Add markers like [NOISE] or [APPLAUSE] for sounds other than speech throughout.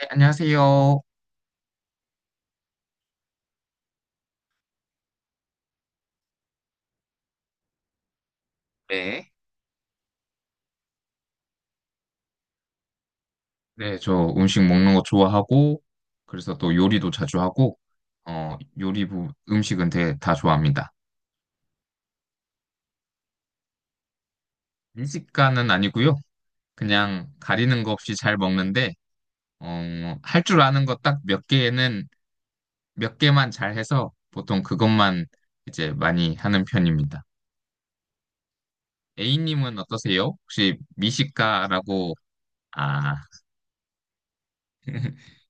네, 안녕하세요. 네. 네, 저 음식 먹는 거 좋아하고, 그래서 또 요리도 자주 하고, 음식은 되게 다 좋아합니다. 음식가는 아니고요. 그냥 가리는 거 없이 잘 먹는데, 어, 할 줄 아는 거 딱 몇 개만 잘 해서 보통 그것만 이제 많이 하는 편입니다. A님은 어떠세요? 혹시 미식가라고, 아, [LAUGHS]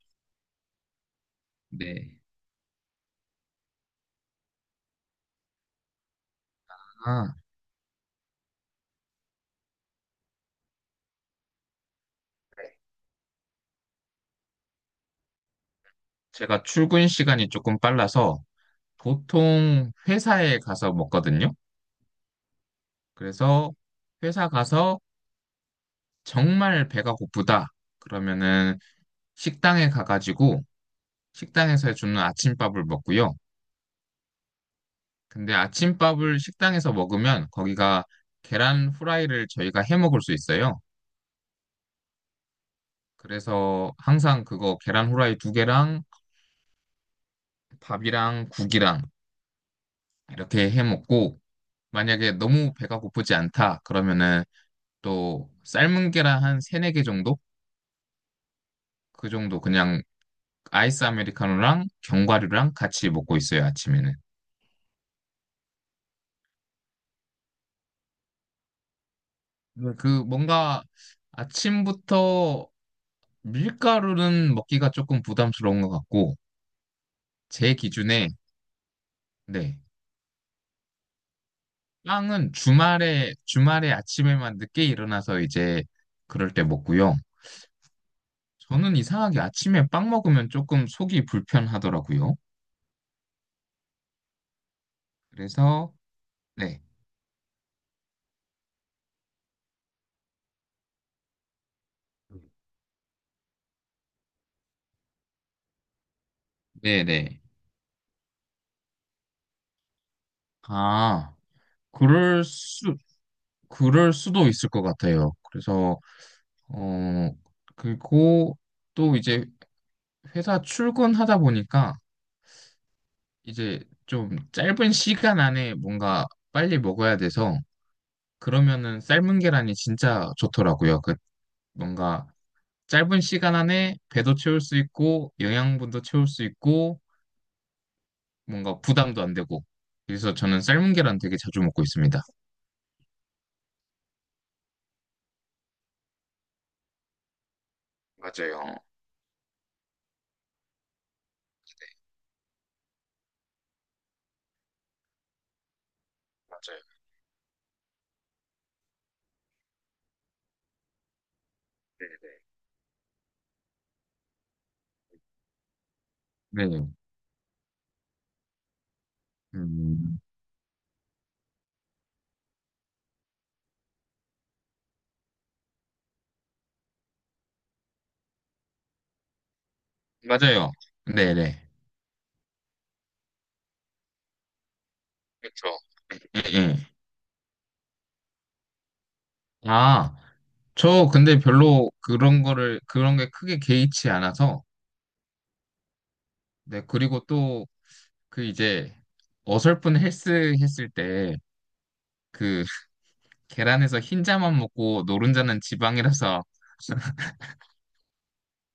네. 아, 제가 출근 시간이 조금 빨라서 보통 회사에 가서 먹거든요. 그래서 회사 가서 정말 배가 고프다. 그러면은 식당에 가가지고 식당에서 해주는 아침밥을 먹고요. 근데 아침밥을 식당에서 먹으면 거기가 계란 후라이를 저희가 해 먹을 수 있어요. 그래서 항상 그거 계란 후라이 두 개랑 밥이랑 국이랑 이렇게 해 먹고, 만약에 너무 배가 고프지 않다 그러면은 또 삶은 계란 한 세네 개 정도? 그 정도 그냥 아이스 아메리카노랑 견과류랑 같이 먹고 있어요, 아침에는. 네. 그 뭔가 아침부터 밀가루는 먹기가 조금 부담스러운 것 같고, 제 기준에, 네. 빵은 주말에 아침에만 늦게 일어나서 이제 그럴 때 먹고요. 저는 이상하게 아침에 빵 먹으면 조금 속이 불편하더라고요. 그래서, 네. 네네. 아, 그럴 수, 그럴 수도 있을 것 같아요. 그래서 어, 그리고 또 이제 회사 출근하다 보니까 이제 좀 짧은 시간 안에 뭔가 빨리 먹어야 돼서 그러면은 삶은 계란이 진짜 좋더라고요. 그 뭔가 짧은 시간 안에 배도 채울 수 있고 영양분도 채울 수 있고 뭔가 부담도 안 되고 그래서 저는 삶은 계란 되게 자주 먹고 있습니다. 맞아요. 맞아요. 네네. 네. 음, 맞아요. 네네. 그렇죠. 예, 예. 아, 저 근데 별로 그런 게 크게 개의치 않아서, 네, 그리고 또 그 이제 어설픈 헬스 했을 때 그 [LAUGHS] 계란에서 흰자만 먹고 노른자는 지방이라서, [LAUGHS]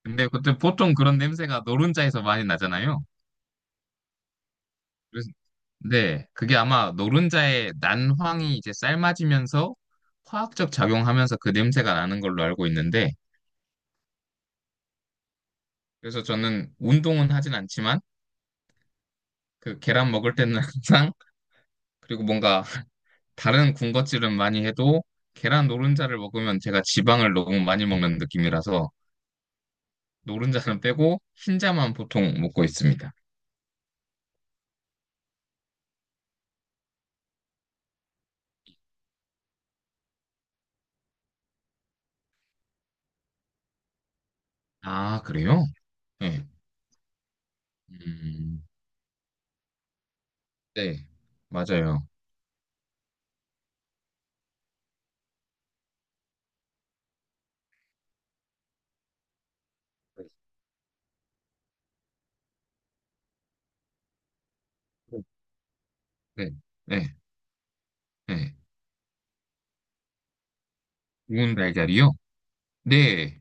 근데 그때 보통 그런 냄새가 노른자에서 많이 나잖아요. 그래서, 네, 그게 아마 노른자의 난황이 이제 삶아지면서 화학적 작용하면서 그 냄새가 나는 걸로 알고 있는데, 그래서 저는 운동은 하진 않지만, 그 계란 먹을 때는 [LAUGHS] 항상, 그리고 뭔가 다른 군것질은 많이 해도 계란 노른자를 먹으면 제가 지방을 너무 많이 먹는 느낌이라서 노른자는 빼고 흰자만 보통 먹고 있습니다. 아, 그래요? 네. 음, 네, 맞아요. 네, 네, 네. 구운 달걀이요? 네,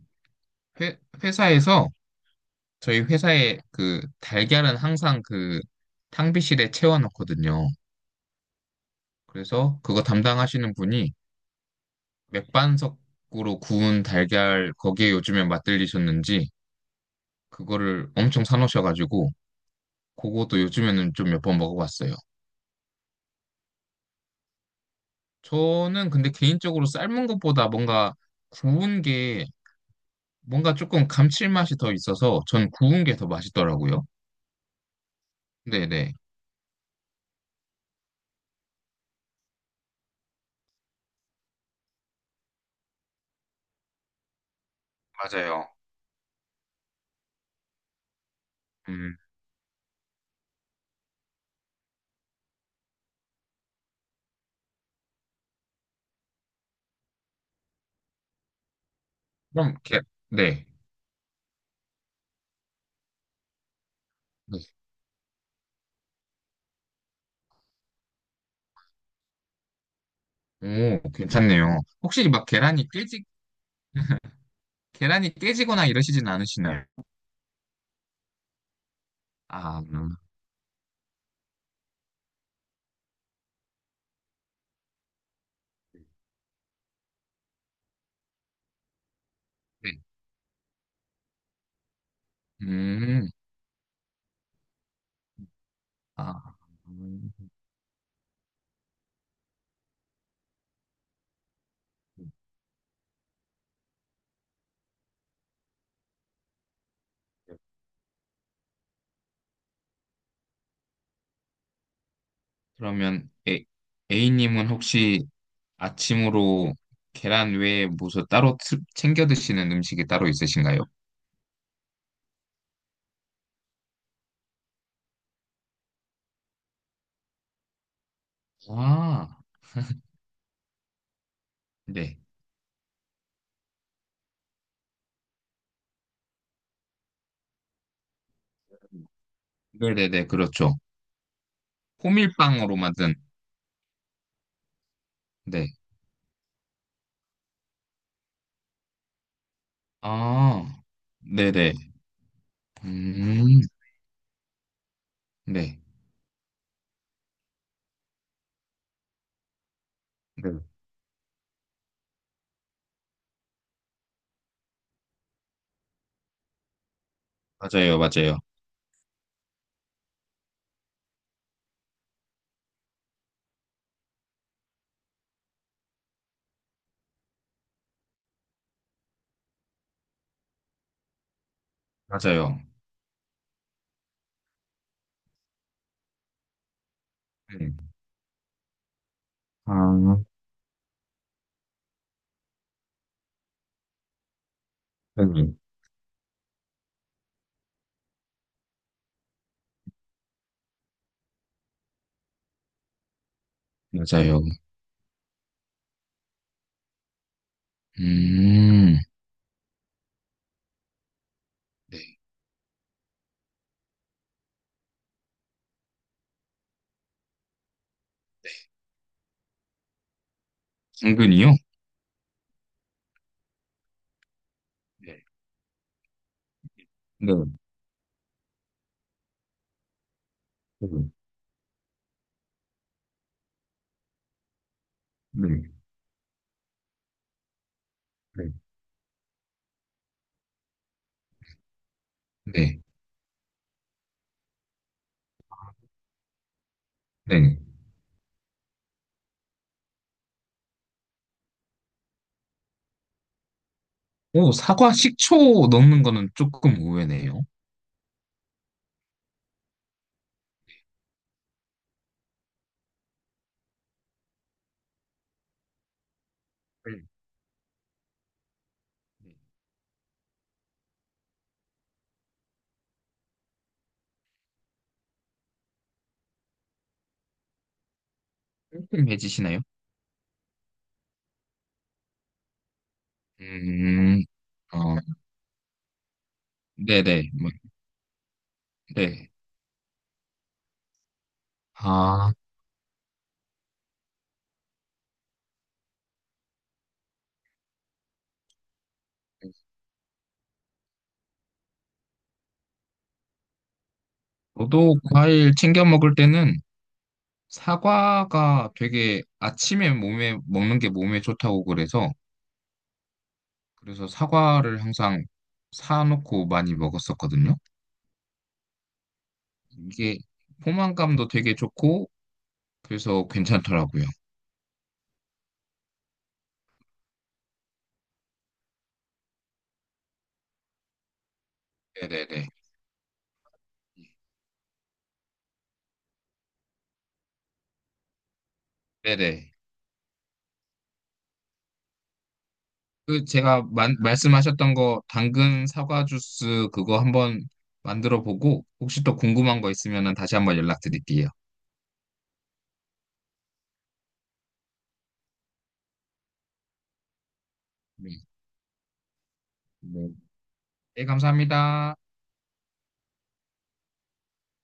회사에서 저희 회사에 그 달걀은 항상 그 탕비실에 채워놓거든요. 그래서 그거 담당하시는 분이 맥반석으로 구운 달걀 거기에 요즘에 맛들리셨는지 그거를 엄청 사놓으셔가지고 그것도 요즘에는 좀 몇 번 먹어봤어요. 저는 근데 개인적으로 삶은 것보다 뭔가 구운 게 뭔가 조금 감칠맛이 더 있어서 전 구운 게 더 맛있더라고요. 네네. 맞아요. 음, 그럼 게, 네. 네. 오, 괜찮네요. 혹시 막 계란이 깨지거나 이러시진 않으시나요? 아, 네. 음, 아, 음. 그러면 A님은 혹시 아침으로 계란 외에 무슨 따로 챙겨 드시는 음식이 따로 있으신가요? 아, 네. 네네네, 그렇죠. 호밀빵으로 만든, 네. 아, 네네. 음, 네. 네. 맞아요, 맞아요. 맞아요. 네. 아, 네. 맞아요. 음, 네. 당근이요? 네. 네. 네. 네. 네. 네. 오, 사과 식초 넣는 거는 조금 의외네요. 음. 깔끔해지시나요? 음, 어, 네네, 뭐, 네. 아, 저도 과일 챙겨 먹을 때는 사과가 되게 아침에 몸에 먹는 게 몸에 좋다고 그래서 사과를 항상 사놓고 많이 먹었었거든요. 이게 포만감도 되게 좋고 그래서 괜찮더라고요. 네네네. 네네. 그 제가 말씀하셨던 거 당근 사과 주스 그거 한번 만들어 보고 혹시 또 궁금한 거 있으면 다시 한번 연락드릴게요. 네. 네. 네, 감사합니다.